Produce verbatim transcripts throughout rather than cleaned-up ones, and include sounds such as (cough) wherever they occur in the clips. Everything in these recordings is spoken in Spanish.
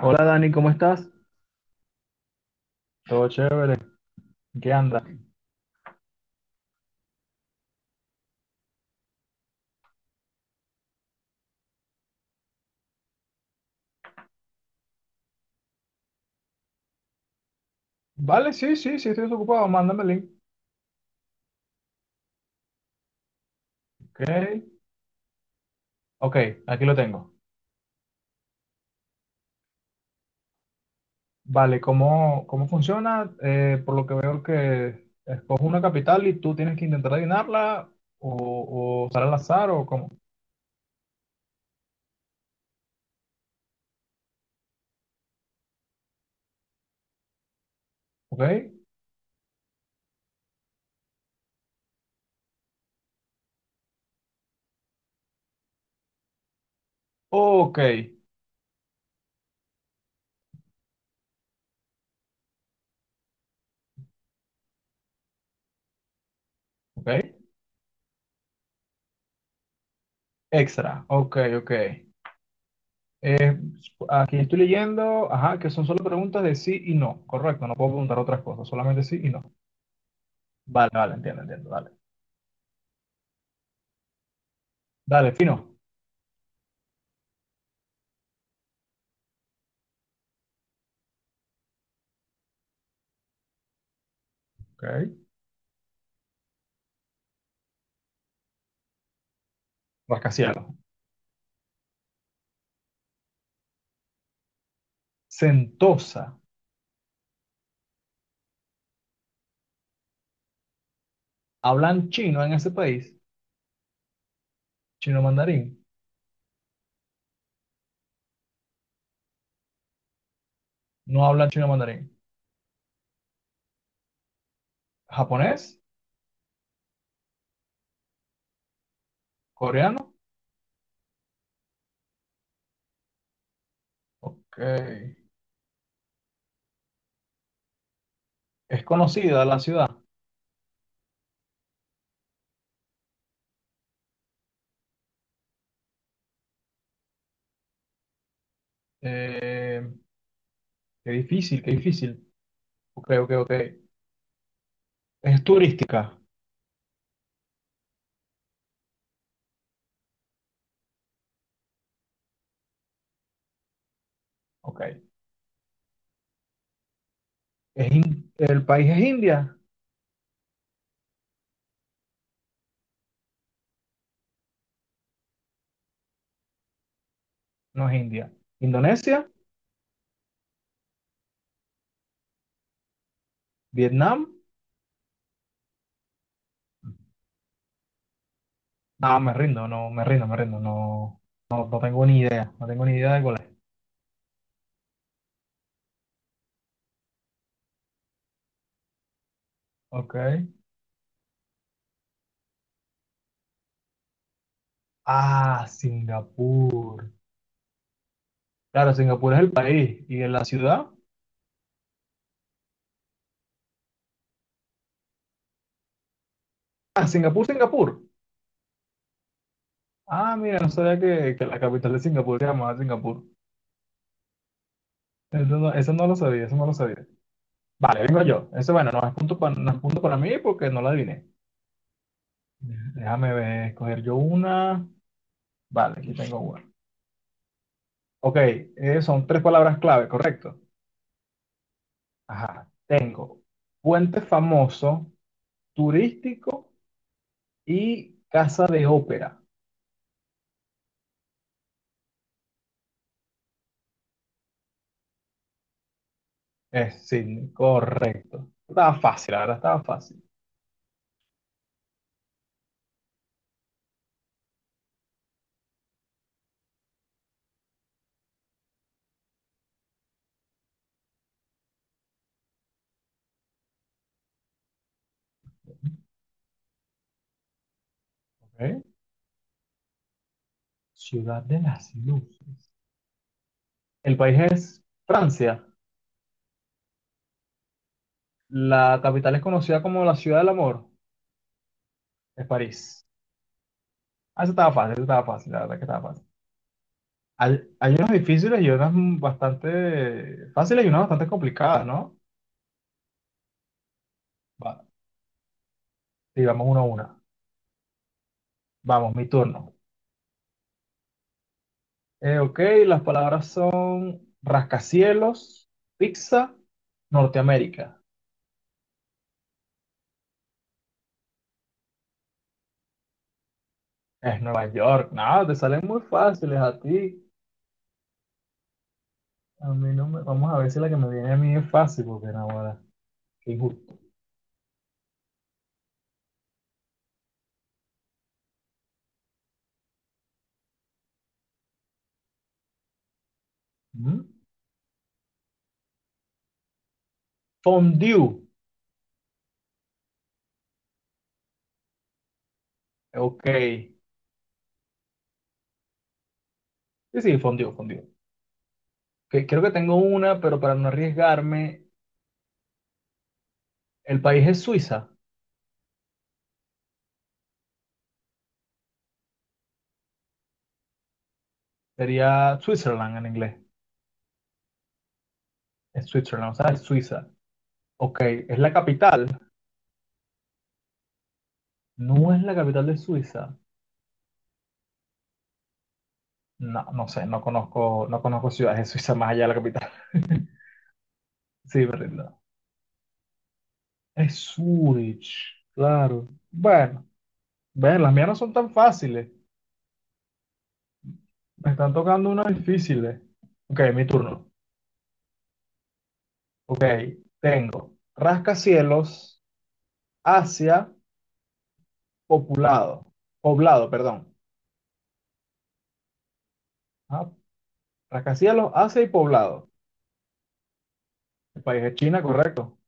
Hola Dani, ¿cómo estás? Todo chévere. ¿Qué anda? Vale, sí, sí, sí, estoy desocupado. Mándame el link. Ok, ok, aquí lo tengo. Vale, ¿cómo, cómo funciona? Eh, por lo que veo que escojo una capital y tú tienes que intentar adivinarla o, o usar al azar o cómo. Ok, ok, ok. Extra, ok, ok. Eh, Aquí estoy leyendo, ajá, que son solo preguntas de sí y no. Correcto, no puedo preguntar otras cosas, solamente sí y no. Vale, vale, entiendo, entiendo, dale. Dale, fino. Ok, rascacielos. Sentosa. ¿Hablan chino en ese país? ¿Chino mandarín? No hablan chino mandarín. ¿Japonés? ¿Coreano? Ok. ¿Es conocida la ciudad? Eh, ¡Qué difícil, qué difícil! Ok, ok, ok. ¿Es turística? Ok. ¿Es in- ¿El país es India? No es India. ¿Indonesia? ¿Vietnam? Ah, me rindo, no, me rindo, me rindo. No, no, no tengo ni idea. No tengo ni idea de cuál es. Ok. Ah, Singapur. Claro, Singapur es el país. ¿Y en la ciudad? Ah, Singapur, Singapur. Ah, mira, no sabía que, que la capital de Singapur se llamaba Singapur. Eso no, eso no lo sabía, eso no lo sabía. Vale, vengo yo. Eso, bueno, no es punto para, no es punto para mí porque no la adiviné. Déjame ver, escoger yo una. Vale, aquí tengo una. Ok, eh, son tres palabras clave, ¿correcto? Ajá, tengo puente famoso, turístico y casa de ópera. Eh, sí, correcto. Estaba fácil, la verdad, estaba fácil. Ok. Ciudad de las Luces. El país es Francia. La capital es conocida como la Ciudad del Amor. Es París. Ah, eso estaba fácil, eso estaba fácil, la verdad que estaba fácil. Hay, hay unas difíciles y unas bastante fáciles y unas bastante complicadas, ¿no? Va, sí, vamos una a una. Vamos, mi turno. Eh, ok, las palabras son rascacielos, pizza, Norteamérica. Es Nueva York. No, te salen muy fáciles a ti. A mí no me... Vamos a ver si la que me viene a mí es fácil, porque no, ahora. Qué injusto. ¿Mm? Fondue. Ok. Sí, sí, fondue, fondue. Que- creo que tengo una, pero para no arriesgarme, el país es Suiza. Sería Switzerland en inglés. Es Switzerland, o sea, es Suiza. Ok, ¿es la capital? No es la capital de Suiza. No, no sé, no conozco, no conozco ciudades de Suiza más allá de la capital. (laughs) Sí, me rindo. Es Zurich, claro. Bueno, ven, las mías no son tan fáciles. Me están tocando unas difíciles. Ok, mi turno. Ok, tengo rascacielos, Asia, poblado. Poblado, perdón. Ajá, rascacielos, Asia y poblado. El país es China, correcto.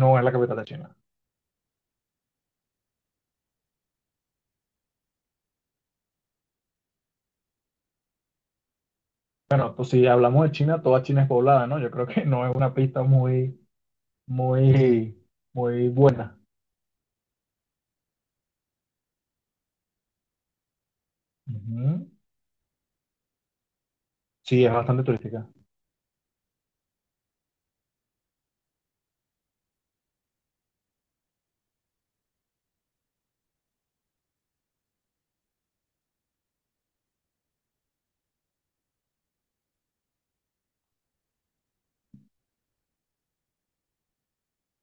No es la capital de China. Bueno, pues si hablamos de China, toda China es poblada, ¿no? Yo creo que no es una pista muy, muy, muy buena. Ujú. Sí, es bastante turística.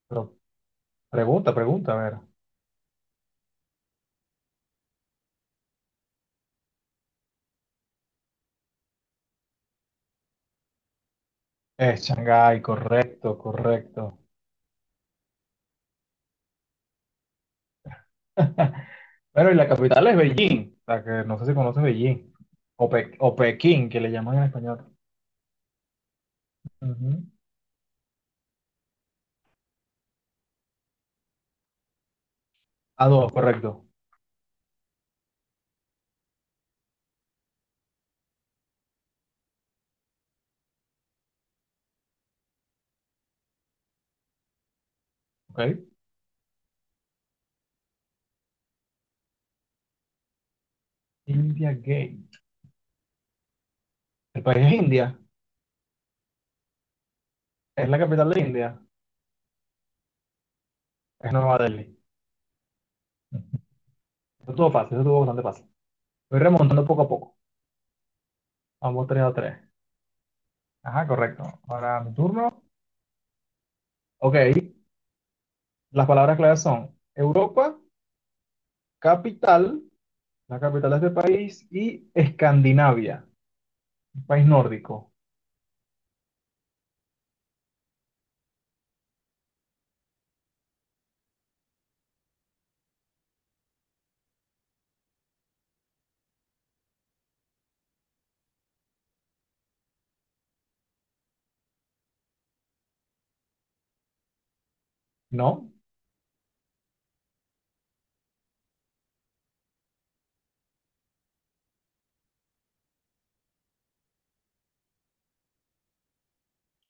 Pero pregunta, pregunta, a ver. Es Shanghái, correcto, correcto. (laughs) Bueno, y la capital es Beijing, o sea, que no sé si conoces Beijing, o, Pe- o Pekín, que le llaman en español. Ujú. A dos, correcto. Ok. India Gate. El país es India, es la capital de India, es Nueva Delhi. Ujú. Eso estuvo fácil, eso estuvo bastante fácil. Voy remontando poco a poco. Vamos tres a tres. Ajá, correcto. Ahora mi turno. Ok, las palabras claves son Europa, capital, la capital de este país, y Escandinavia, un país nórdico. No,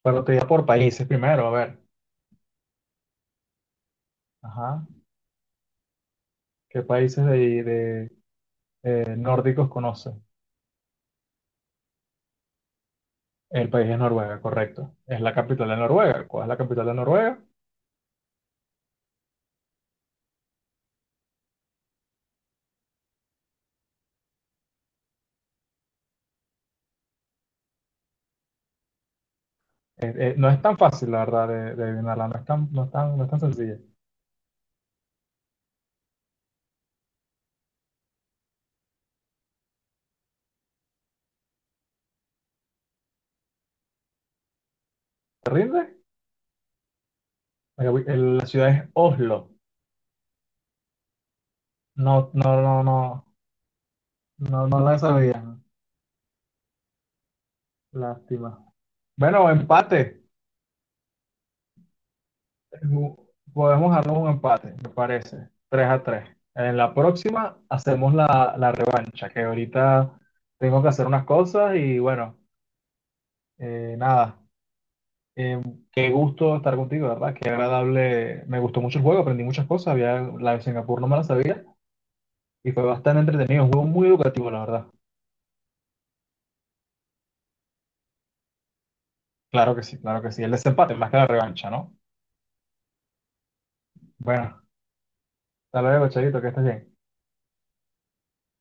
pero te digo por países primero, a ver. Ajá. ¿Qué países de, de, eh, nórdicos conoces? El país es Noruega, correcto. Es la capital de Noruega. ¿Cuál es la capital de Noruega? Eh, eh, no es tan fácil, la verdad, de, de adivinarla. No es tan, no es tan, no es tan sencilla. ¿Te rindes? La capi- el- la ciudad es Oslo. No, no, no, no. No, no la sabía. Lástima. Bueno, empate. Ju- Podemos armar un empate, me parece. Tres a tres. En la próxima hacemos la, la revancha, que ahorita tengo que hacer unas cosas y bueno, eh, nada. Eh, Qué gusto estar contigo, ¿verdad? Qué agradable. Me gustó mucho el juego, aprendí muchas cosas. Había, la de Singapur no me la sabía y fue bastante entretenido. Un juego muy educativo, la verdad. Claro que sí, claro que sí. El desempate más que la revancha, ¿no? Bueno, hasta luego, chavito, que estés bien.